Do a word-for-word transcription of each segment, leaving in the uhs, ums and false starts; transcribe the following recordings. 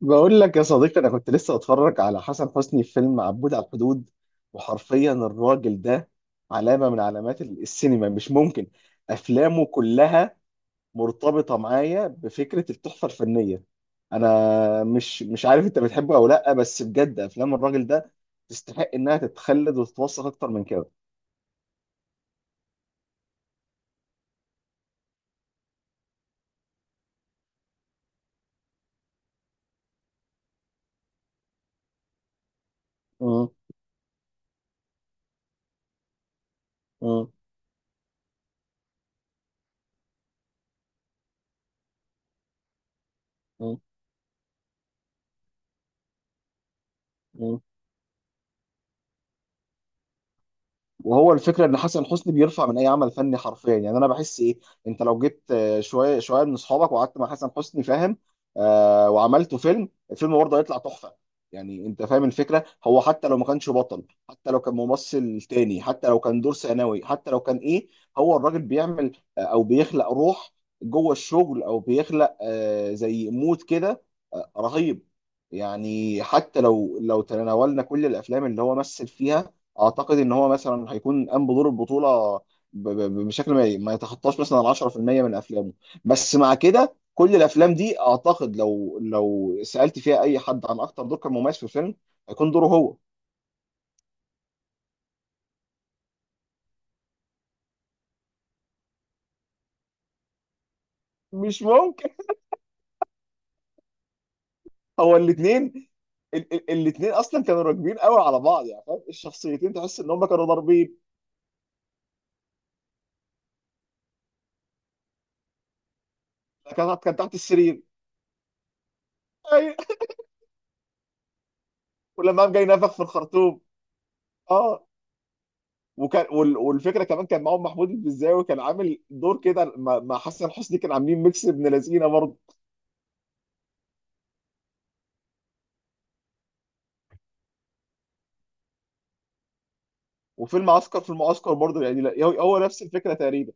بقول لك يا صديقي، انا كنت لسه اتفرج على حسن حسني في فيلم عبود على الحدود، وحرفيا الراجل ده علامه من علامات ال- السينما، مش ممكن. افلامه كلها مرتبطه معايا بفكره التحفه الفنيه. انا مش مش عارف انت بتحبه او لا، بس بجد افلام الراجل ده تستحق انها تتخلد وتتوثق اكتر من كده. مم. مم. مم. وهو الفكره ان حسن حسني بيرفع من اي عمل فني حرفيا، يعني انا بحس ايه؟ انت لو جيت آه، شويه شويه من اصحابك وقعدت مع حسن حسني فاهم، آه وعملته فيلم الفيلم برضه هيطلع تحفه. يعني انت فاهم الفكره، هو حتى لو ما كانش بطل، حتى لو كان ممثل تاني، حتى لو كان دور ثانوي، حتى لو كان ايه، هو الراجل بيعمل آه، او بيخلق روح جوه الشغل، او بيخلق آه زي مود كده آه رهيب. يعني حتى لو لو تناولنا كل الافلام اللي هو مثل فيها، اعتقد ان هو مثلا هيكون قام بدور البطوله ب- ب- بشكل ما ما يتخطاش مثلا ال عشرة في المية من افلامه، بس مع كده كل الافلام دي اعتقد لو لو سالت فيها اي حد عن اكتر دور كان مميز في الفيلم هيكون دوره هو. مش ممكن! هو الاثنين الاثنين اصلا كانوا راكبين قوي على بعض، يعني فاهم الشخصيتين تحس ان هم كانوا ضاربين. كان كان تحت السرير. ايوه. ولما قام جاي نفخ في الخرطوم. اه. وكان وال- والفكره كمان كان معاهم محمود البزاوي، كان عامل دور كده مع مع حسن حسني، كان عاملين ميكس ابن لذينه برضه. وفيلم عسكر في المعسكر برضه، يعني لا- هو هو نفس الفكره تقريبا.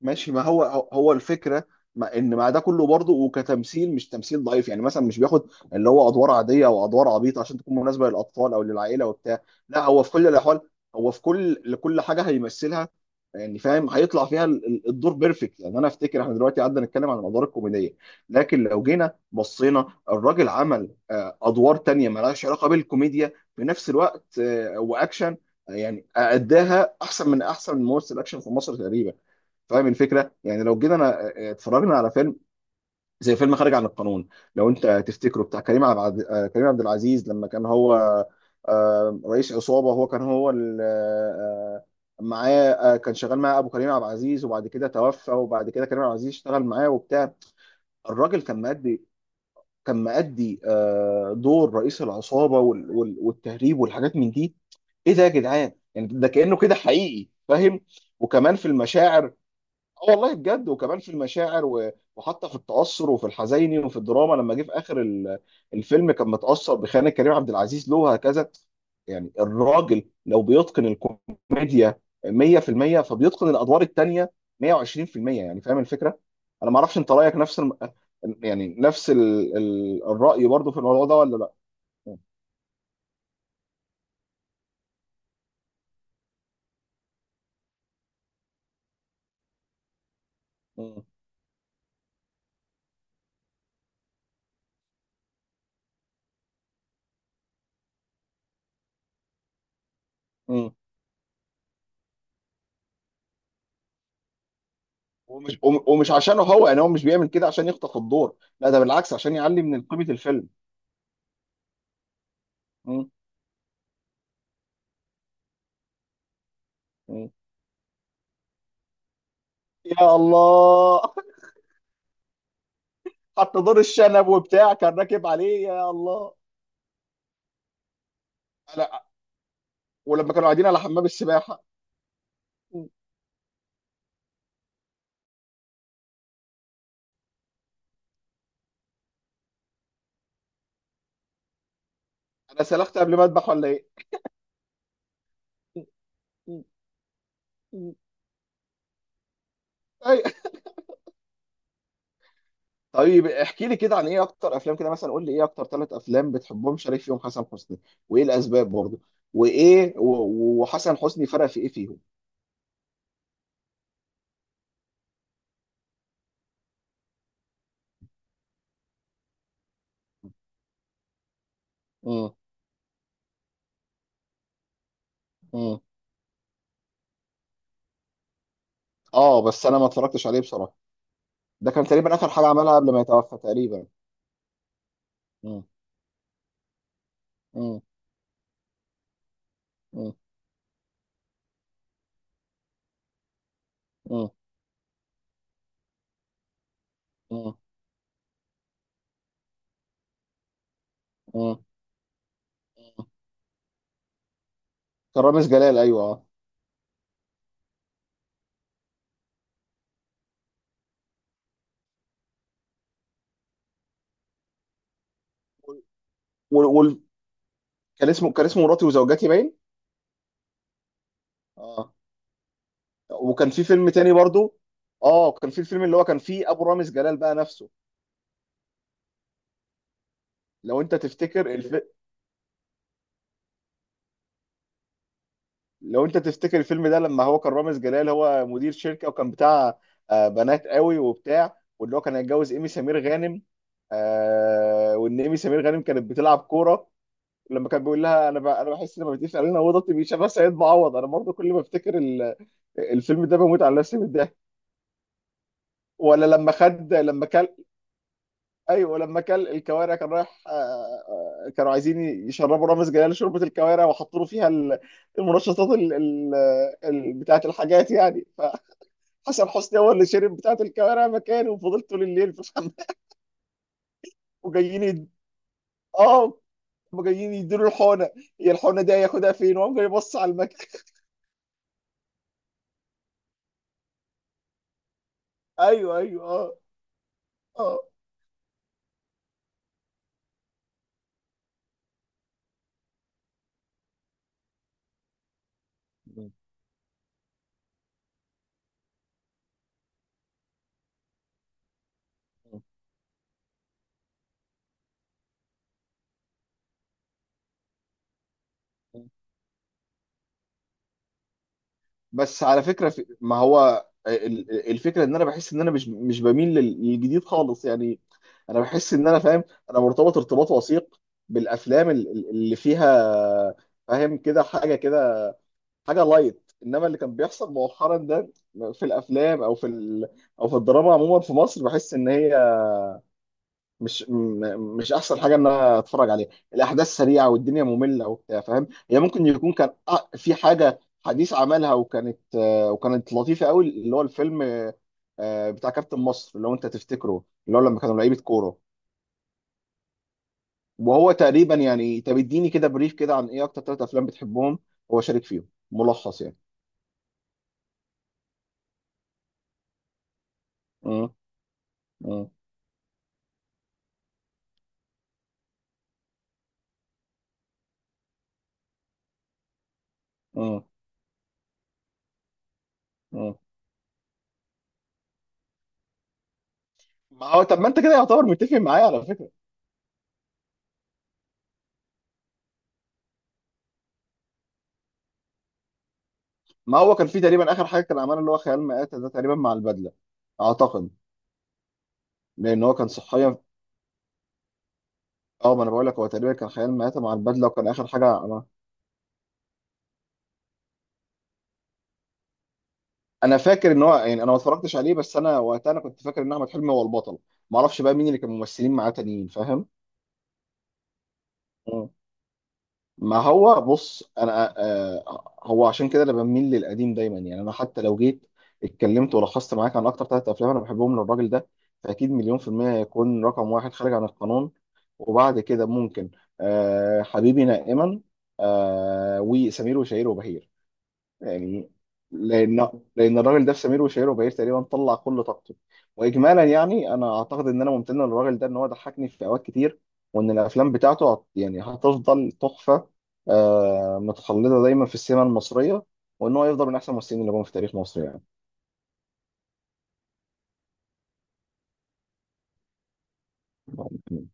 ماشي، ما هو هو الفكره، ما ان مع ده كله برضه وكتمثيل مش تمثيل ضعيف، يعني مثلا مش بياخد اللي هو ادوار عاديه او ادوار عبيطه عشان تكون مناسبه للاطفال او للعائله وبتاع. لا، هو في كل الاحوال، هو في كل لكل حاجه هيمثلها يعني فاهم، هيطلع فيها ال- ال- الدور بيرفكت. يعني انا افتكر احنا دلوقتي قعدنا نتكلم عن الادوار الكوميديه، لكن لو جينا بصينا الراجل عمل آه، ادوار تانية مالهاش علاقه بالكوميديا في نفس الوقت آه، واكشن، آه، يعني اداها احسن من احسن ممثل اكشن في مصر تقريبا. فاهم الفكره، يعني لو جينا انا آه، اتفرجنا على فيلم زي فيلم خارج عن القانون، لو انت تفتكره بتاع كريم عبد آه، كريم عبد العزيز لما كان هو آه، رئيس عصابه، هو كان هو ال- آه، معاه آه، كان شغال معاه ابو كريم عبد العزيز، وبعد كده توفى، وبعد كده كريم عبد العزيز اشتغل معاه وبتاع. الراجل كان مأدي، كان مأدي آه، دور رئيس العصابه وال- وال- والتهريب والحاجات من دي. ايه ده يا جدعان؟ يعني ده كأنه كده حقيقي فاهم. وكمان في المشاعر. اه والله بجد، وكمان في المشاعر و- وحتى في التأثر وفي الحزيني وفي الدراما، لما جه في آخر ال- الفيلم كان متأثر بخيانة كريم عبد العزيز له وهكذا. يعني الراجل لو بيتقن الكوميديا مية في المية، فبيتقن الادوار التانية مية وعشرين في المية، يعني فاهم الفكره؟ انا ما اعرفش انت رايك نفس الم... يعني نفس ال... ال... الراي برضو في الموضوع ده ولا لا؟ مم. مم. ومش وم- ومش عشانه هو، يعني هو مش بيعمل كده عشان يخطف الدور، لا، ده بالعكس عشان يعلي من قيمه الفيلم. مم. يا الله. حتى دور الشنب وبتاع كان راكب عليه، يا الله. انا ولما كانوا قاعدين على حمام السباحه. انا سلخت قبل ما اذبح ولا ايه؟ أي. طيب احكي لي كده عن ايه اكتر افلام، كده مثلا قول لي ايه اكتر ثلاث افلام بتحبهم شريف فيهم حسن حسني، وايه الاسباب برضه، وايه و- وحسن حسني فرق في ايه فيهم؟ مم. مم. اه بس انا ما اتفرجتش عليه بصراحه. ده كان تقريبا اخر حاجه عملها قبل ما يتوفى تقريبا. مم. مم. مم. مم. مم. مم. كان رامز جلال، ايوه، اه. وال... وال... كان اسمه كان اسمه مراتي وزوجاتي باين. اه. وكان في فيلم تاني برضو. اه، كان في الفيلم اللي هو كان فيه ابو رامز جلال بقى نفسه، لو انت تفتكر الف... لو انت تفتكر الفيلم ده لما هو كان رامز جلال هو مدير شركه، وكان بتاع آه بنات قوي وبتاع، واللي هو كان هيتجوز ايمي سمير غانم، آه وان ايمي سمير غانم كانت بتلعب كوره. لما كان بيقول لها: انا ب... انا بحس ان ما بتقيس علينا اوضتي، بيشبه سيد معوض. انا برضو كل ما افتكر ال... الفيلم ده بموت على نفسي من الضحك. ولا لما خد لما كل، ايوه، لما كل الكوارع كان رايح آه، آه، كانوا عايزين يشربوا رامز جلال شوربه الكوارع وحطوا له فيها ال- المنشطات ال... ال... ال... بتاعه الحاجات يعني. فحسن حسني هو اللي شرب بتاعه الكوارع مكانه وفضلت طول الليل في الحمام. وجايين يد... اه، هم جايين يديله الحونه. هي الحونه دي هياخدها فين؟ وقام جاي يبص على المكان. ايوه ايوه. اه. اه، بس على فكره في... ما هو ال- ال- الفكره ان انا بحس ان انا مش مش بميل لل- للجديد خالص، يعني انا بحس ان انا فاهم. انا مرتبط ارتباط وثيق بالافلام ال- ال- اللي فيها فاهم كده حاجه كده، حاجه لايت، انما اللي كان بيحصل مؤخرا ده في الافلام او في ال... او في الدراما عموما في مصر بحس ان هي مش م- مش احسن حاجه ان انا اتفرج عليها. الاحداث سريعه والدنيا ممله وبتاع فاهم، هي ممكن يكون كان أ- في حاجه حديث عملها وكانت آه، وكانت لطيفه قوي، اللي هو الفيلم آه، بتاع كابتن مصر، اللي هو انت تفتكره اللي هو لما كانوا لعيبه كوره. وهو تقريبا يعني، طب اديني كده بريف كده عن ايه اكتر ثلاث افلام بتحبهم هو شارك فيهم، ملخص يعني. مم. مم. مم. مم. ما هو طب ما انت كده يعتبر متفق معايا على فكره. ما هو كان في تقريبا اخر حاجه كان عملها اللي هو خيال مآتة ده تقريبا مع البدله، اعتقد. لان هو كان صحيا. اه، ما انا بقول لك هو تقريبا كان خيال مآتة مع البدله وكان اخر حاجه. انا انا فاكر ان هو، يعني انا ما اتفرجتش عليه، بس انا وقتها انا كنت فاكر ان احمد حلمي هو البطل، ما اعرفش بقى مين اللي كان ممثلين معاه تانيين فاهم. مم. ما هو بص انا آه آه، هو عشان كده انا بميل للقديم دايما. يعني انا حتى لو جيت اتكلمت ولخصت معاك عن اكتر ثلاث افلام انا بحبهم للراجل ده، فاكيد مليون في المية هيكون رقم واحد خارج عن القانون، وبعد كده ممكن آه حبيبي نائما، آه وسمير وشهير وبهير، يعني. لان لان الراجل ده في سمير وشهير وبهير تقريبا طلع كل طاقته. واجمالا يعني انا اعتقد ان انا ممتن للراجل ده ان هو ضحكني في اوقات كتير، وان الافلام بتاعته هت- يعني هتفضل تحفه آه متخلده دايما في السينما المصريه، وان هو يفضل من احسن الممثلين اللي جم في تاريخ مصر، يعني.